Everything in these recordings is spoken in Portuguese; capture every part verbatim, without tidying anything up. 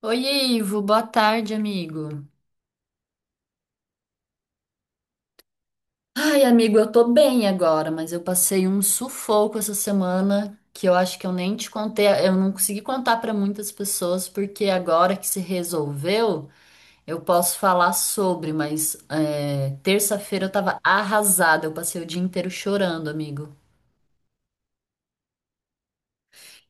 Oi, Ivo, boa tarde, amigo. Ai, amigo, eu tô bem agora, mas eu passei um sufoco essa semana que eu acho que eu nem te contei, eu não consegui contar pra muitas pessoas, porque agora que se resolveu, eu posso falar sobre, mas é, terça-feira eu tava arrasada, eu passei o dia inteiro chorando, amigo.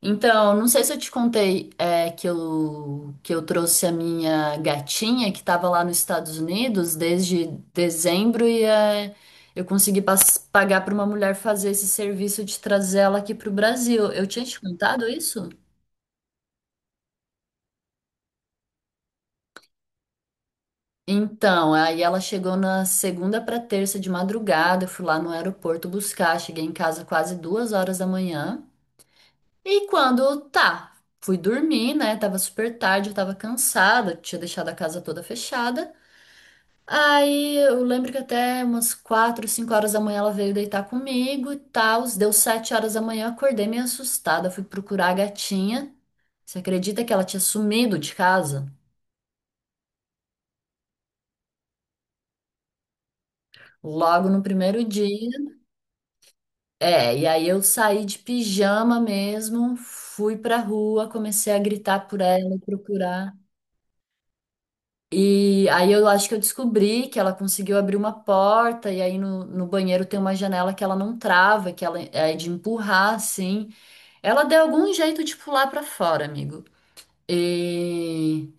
Então, não sei se eu te contei é, que eu, que eu trouxe a minha gatinha que estava lá nos Estados Unidos desde dezembro e é, eu consegui pas- pagar para uma mulher fazer esse serviço de trazer ela aqui para o Brasil. Eu tinha te contado isso? Então, aí ela chegou na segunda para terça de madrugada, eu fui lá no aeroporto buscar, cheguei em casa quase duas horas da manhã. E quando tá, Fui dormir, né? Tava super tarde, eu tava cansada, tinha deixado a casa toda fechada. Aí eu lembro que até umas quatro, cinco horas da manhã ela veio deitar comigo e tal. Deu sete horas da manhã, eu acordei meio assustada. Fui procurar a gatinha. Você acredita que ela tinha sumido de casa? Logo no primeiro dia. É, e aí eu saí de pijama mesmo, fui pra rua, comecei a gritar por ela, procurar. E aí eu acho que eu descobri que ela conseguiu abrir uma porta, e aí no, no banheiro tem uma janela que ela não trava, que ela é de empurrar, assim. Ela deu algum jeito de pular pra fora, amigo. E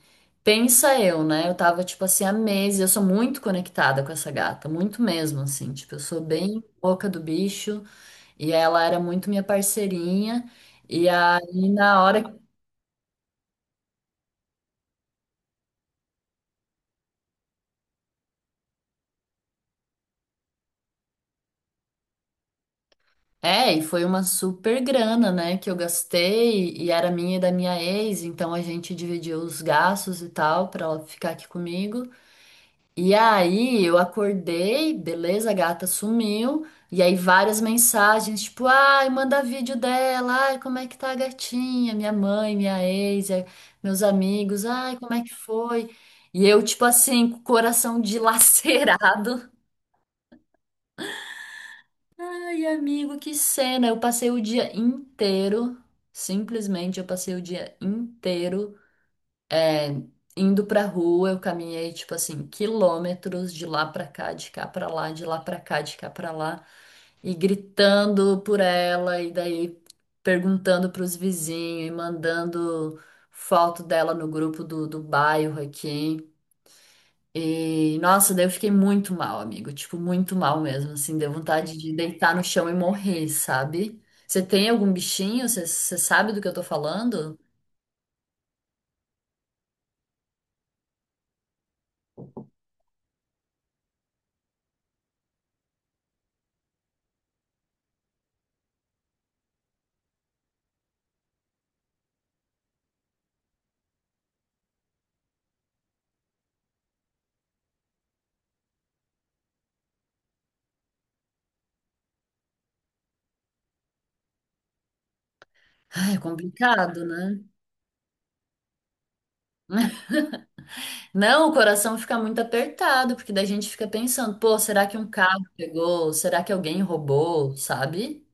pensa eu, né? Eu tava, tipo assim, há meses, eu sou muito conectada com essa gata, muito mesmo, assim. Tipo, eu sou bem boca do bicho, e ela era muito minha parceirinha. E aí, na hora é, e foi uma super grana, né, que eu gastei e era minha e da minha ex, então a gente dividiu os gastos e tal pra ela ficar aqui comigo. E aí eu acordei, beleza, a gata sumiu, e aí várias mensagens, tipo, ai, manda vídeo dela, ai, como é que tá a gatinha, minha mãe, minha ex, eh, meus amigos, ai, como é que foi? E eu, tipo assim, com o coração dilacerado. Ai, amigo, que cena! Eu passei o dia inteiro, simplesmente eu passei o dia inteiro é, indo pra rua. Eu caminhei, tipo assim, quilômetros de lá pra cá, de cá pra lá, de lá pra cá, de cá pra lá, e gritando por ela, e daí perguntando pros vizinhos, e mandando foto dela no grupo do, do bairro aqui. E, nossa, daí eu fiquei muito mal, amigo. Tipo, muito mal mesmo, assim. Deu vontade de deitar no chão e morrer, sabe? Você tem algum bichinho? Você você sabe do que eu tô falando? Ai, é complicado, né? Não, o coração fica muito apertado, porque daí a gente fica pensando, pô, será que um carro pegou? Será que alguém roubou, sabe?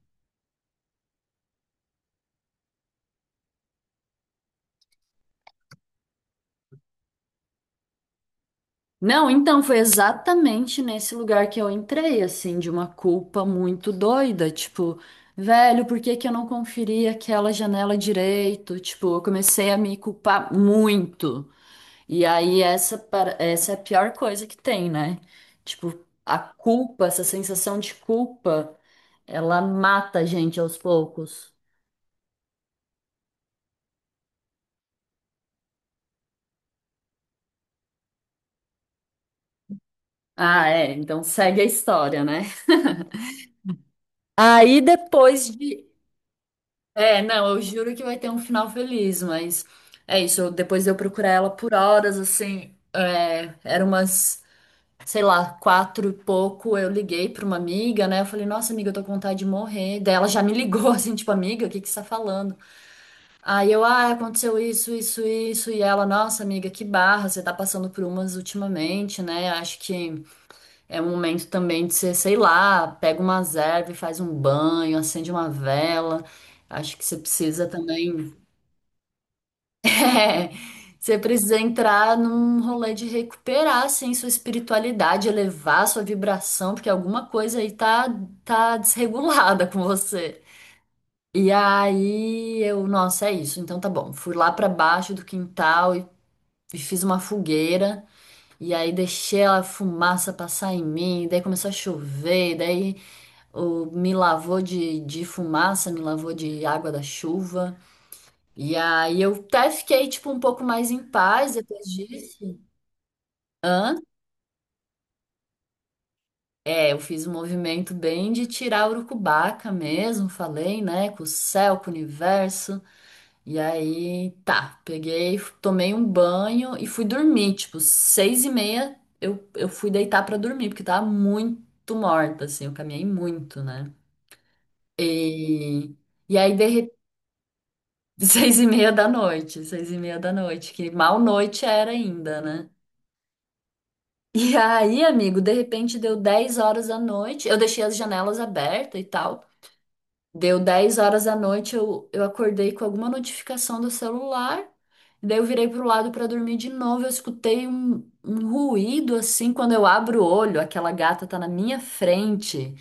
Não, então foi exatamente nesse lugar que eu entrei, assim, de uma culpa muito doida, tipo, velho, por que que eu não conferi aquela janela direito? Tipo, eu comecei a me culpar muito. E aí essa para- essa é a pior coisa que tem, né? Tipo, a culpa, essa sensação de culpa, ela mata a gente aos poucos. Ah, é, então segue a história, né? Aí depois de É, não, eu juro que vai ter um final feliz, mas é isso. eu- depois de eu procurar ela por horas, assim, é, era umas, sei lá, quatro e pouco. Eu liguei pra uma amiga, né? Eu falei, nossa, amiga, eu tô com vontade de morrer. Daí ela já me ligou, assim, tipo, amiga, o que que você tá falando? Aí eu, ah, aconteceu isso, isso, isso. E ela, nossa, amiga, que barra, você tá passando por umas ultimamente, né? Acho que é um momento também de você, sei lá, pega umas ervas e faz um banho, acende uma vela. Acho que você precisa também. É, você precisa entrar num rolê de recuperar, assim, sua espiritualidade, elevar sua vibração, porque alguma coisa aí tá, tá desregulada com você. E aí eu, nossa, é isso, então tá bom. Fui lá pra baixo do quintal e, e fiz uma fogueira, e aí deixei a fumaça passar em mim, daí começou a chover, daí o, me lavou de, de fumaça, me lavou de água da chuva. E aí eu até fiquei, tipo, um pouco mais em paz depois disso. Hã? É, eu fiz um movimento bem de tirar urucubaca mesmo, falei, né, com o céu, com o universo. E aí, tá, peguei, tomei um banho e fui dormir, tipo, seis e meia eu, eu fui deitar pra dormir, porque tava muito morta, assim, eu caminhei muito, né? E, e aí, de repente, seis e meia da noite, seis e meia da noite, que mal noite era ainda, né? E aí, amigo, de repente deu dez horas da noite. Eu deixei as janelas abertas e tal. Deu dez horas da noite, eu, eu acordei com alguma notificação do celular. Daí eu virei pro lado para dormir de novo. Eu escutei um, um ruído assim. Quando eu abro o olho, aquela gata tá na minha frente,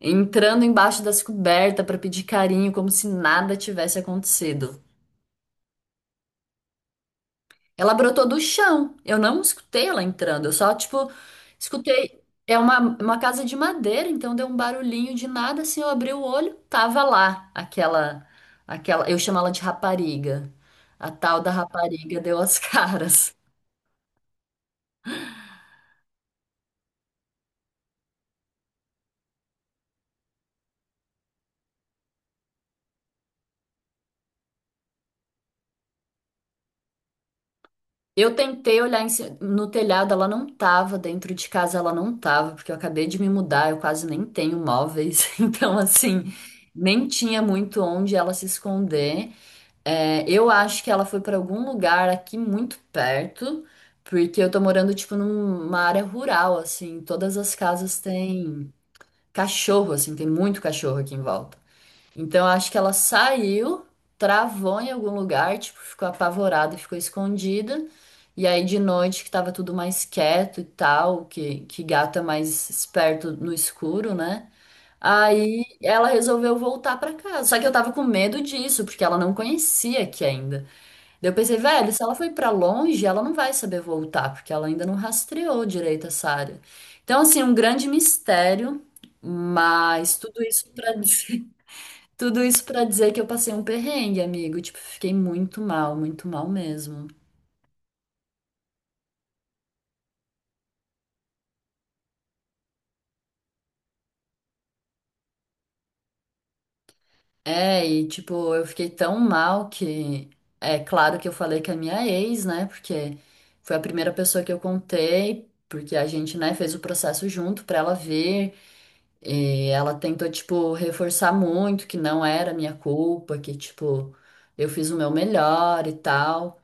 entrando embaixo das cobertas para pedir carinho, como se nada tivesse acontecido. Ela brotou do chão. Eu não escutei ela entrando. Eu só, tipo, escutei. É uma, uma casa de madeira, então deu um barulhinho de nada. Assim, eu abri o olho, tava lá aquela, aquela. Eu chamo ela de rapariga. A tal da rapariga deu as caras. Eu tentei olhar em ci- no telhado, ela não tava. Dentro de casa, ela não tava, porque eu acabei de me mudar. Eu quase nem tenho móveis. Então, assim, nem tinha muito onde ela se esconder. É, eu acho que ela foi para algum lugar aqui muito perto, porque eu tô morando, tipo, numa área rural, assim. Todas as casas têm cachorro, assim, tem muito cachorro aqui em volta. Então, eu acho que ela saiu, travou em algum lugar, tipo, ficou apavorada e ficou escondida. E aí, de noite, que tava tudo mais quieto e tal, que, que gato é mais esperto no escuro, né? Aí ela resolveu voltar para casa. Só que eu tava com medo disso, porque ela não conhecia aqui ainda. Daí eu pensei, velho, se ela foi pra longe, ela não vai saber voltar, porque ela ainda não rastreou direito essa área. Então, assim, um grande mistério, mas tudo isso pra dizer, tudo isso para dizer que eu passei um perrengue, amigo. Tipo, fiquei muito mal, muito mal mesmo. É, e tipo, eu fiquei tão mal que é claro que eu falei que é minha ex, né? Porque foi a primeira pessoa que eu contei, porque a gente, né, fez o processo junto pra ela ver E ela tentou, tipo, reforçar muito que não era minha culpa, que, tipo, eu fiz o meu melhor e tal.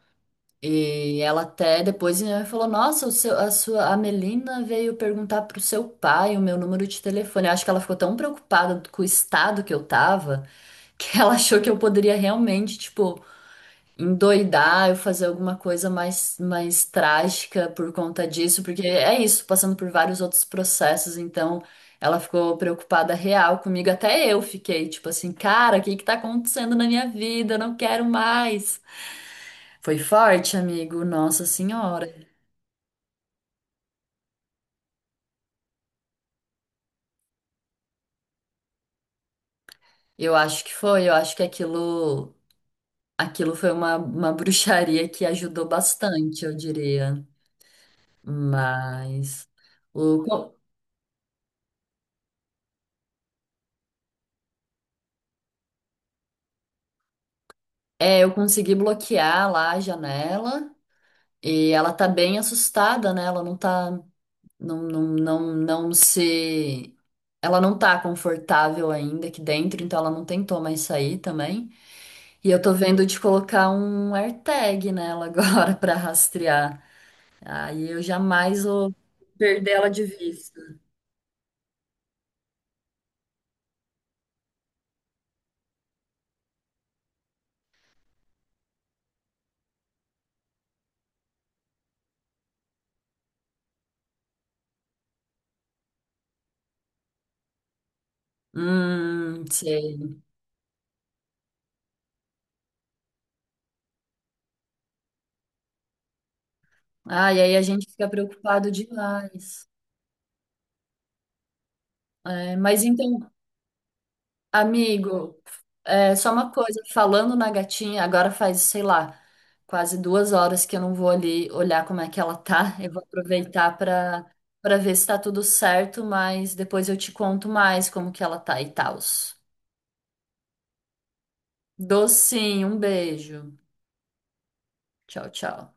E ela até depois eh, falou: Nossa, o seu, a sua, a Melina veio perguntar pro seu pai o meu número de telefone. Eu acho que ela ficou tão preocupada com o estado que eu tava que ela achou que eu poderia realmente, tipo endoidar, eu fazer alguma coisa mais, mais trágica por conta disso, porque é isso, passando por vários outros processos, então ela ficou preocupada real comigo, até eu fiquei tipo assim, cara, o que que tá acontecendo na minha vida? Eu não quero mais. Foi forte, amigo, Nossa Senhora. Eu acho que foi, eu acho que aquilo, aquilo foi uma, uma bruxaria que ajudou bastante, eu diria. Mas o, co- é, eu consegui bloquear lá a janela. E ela tá bem assustada, né? Ela não tá, não, não, não, não se, ela não tá confortável ainda aqui dentro, então ela não tentou mais sair também. E eu tô vendo de colocar um AirTag nela agora pra rastrear. Aí eu jamais vou perder ela de vista. Hum, sei. Ah, e aí a gente fica preocupado demais. É, mas então amigo, é só uma coisa, falando na gatinha, agora faz, sei lá, quase duas horas que eu não vou ali olhar como é que ela tá. Eu vou aproveitar para para ver se tá tudo certo, mas depois eu te conto mais como que ela tá e tals. Docinho, um beijo. Tchau, tchau.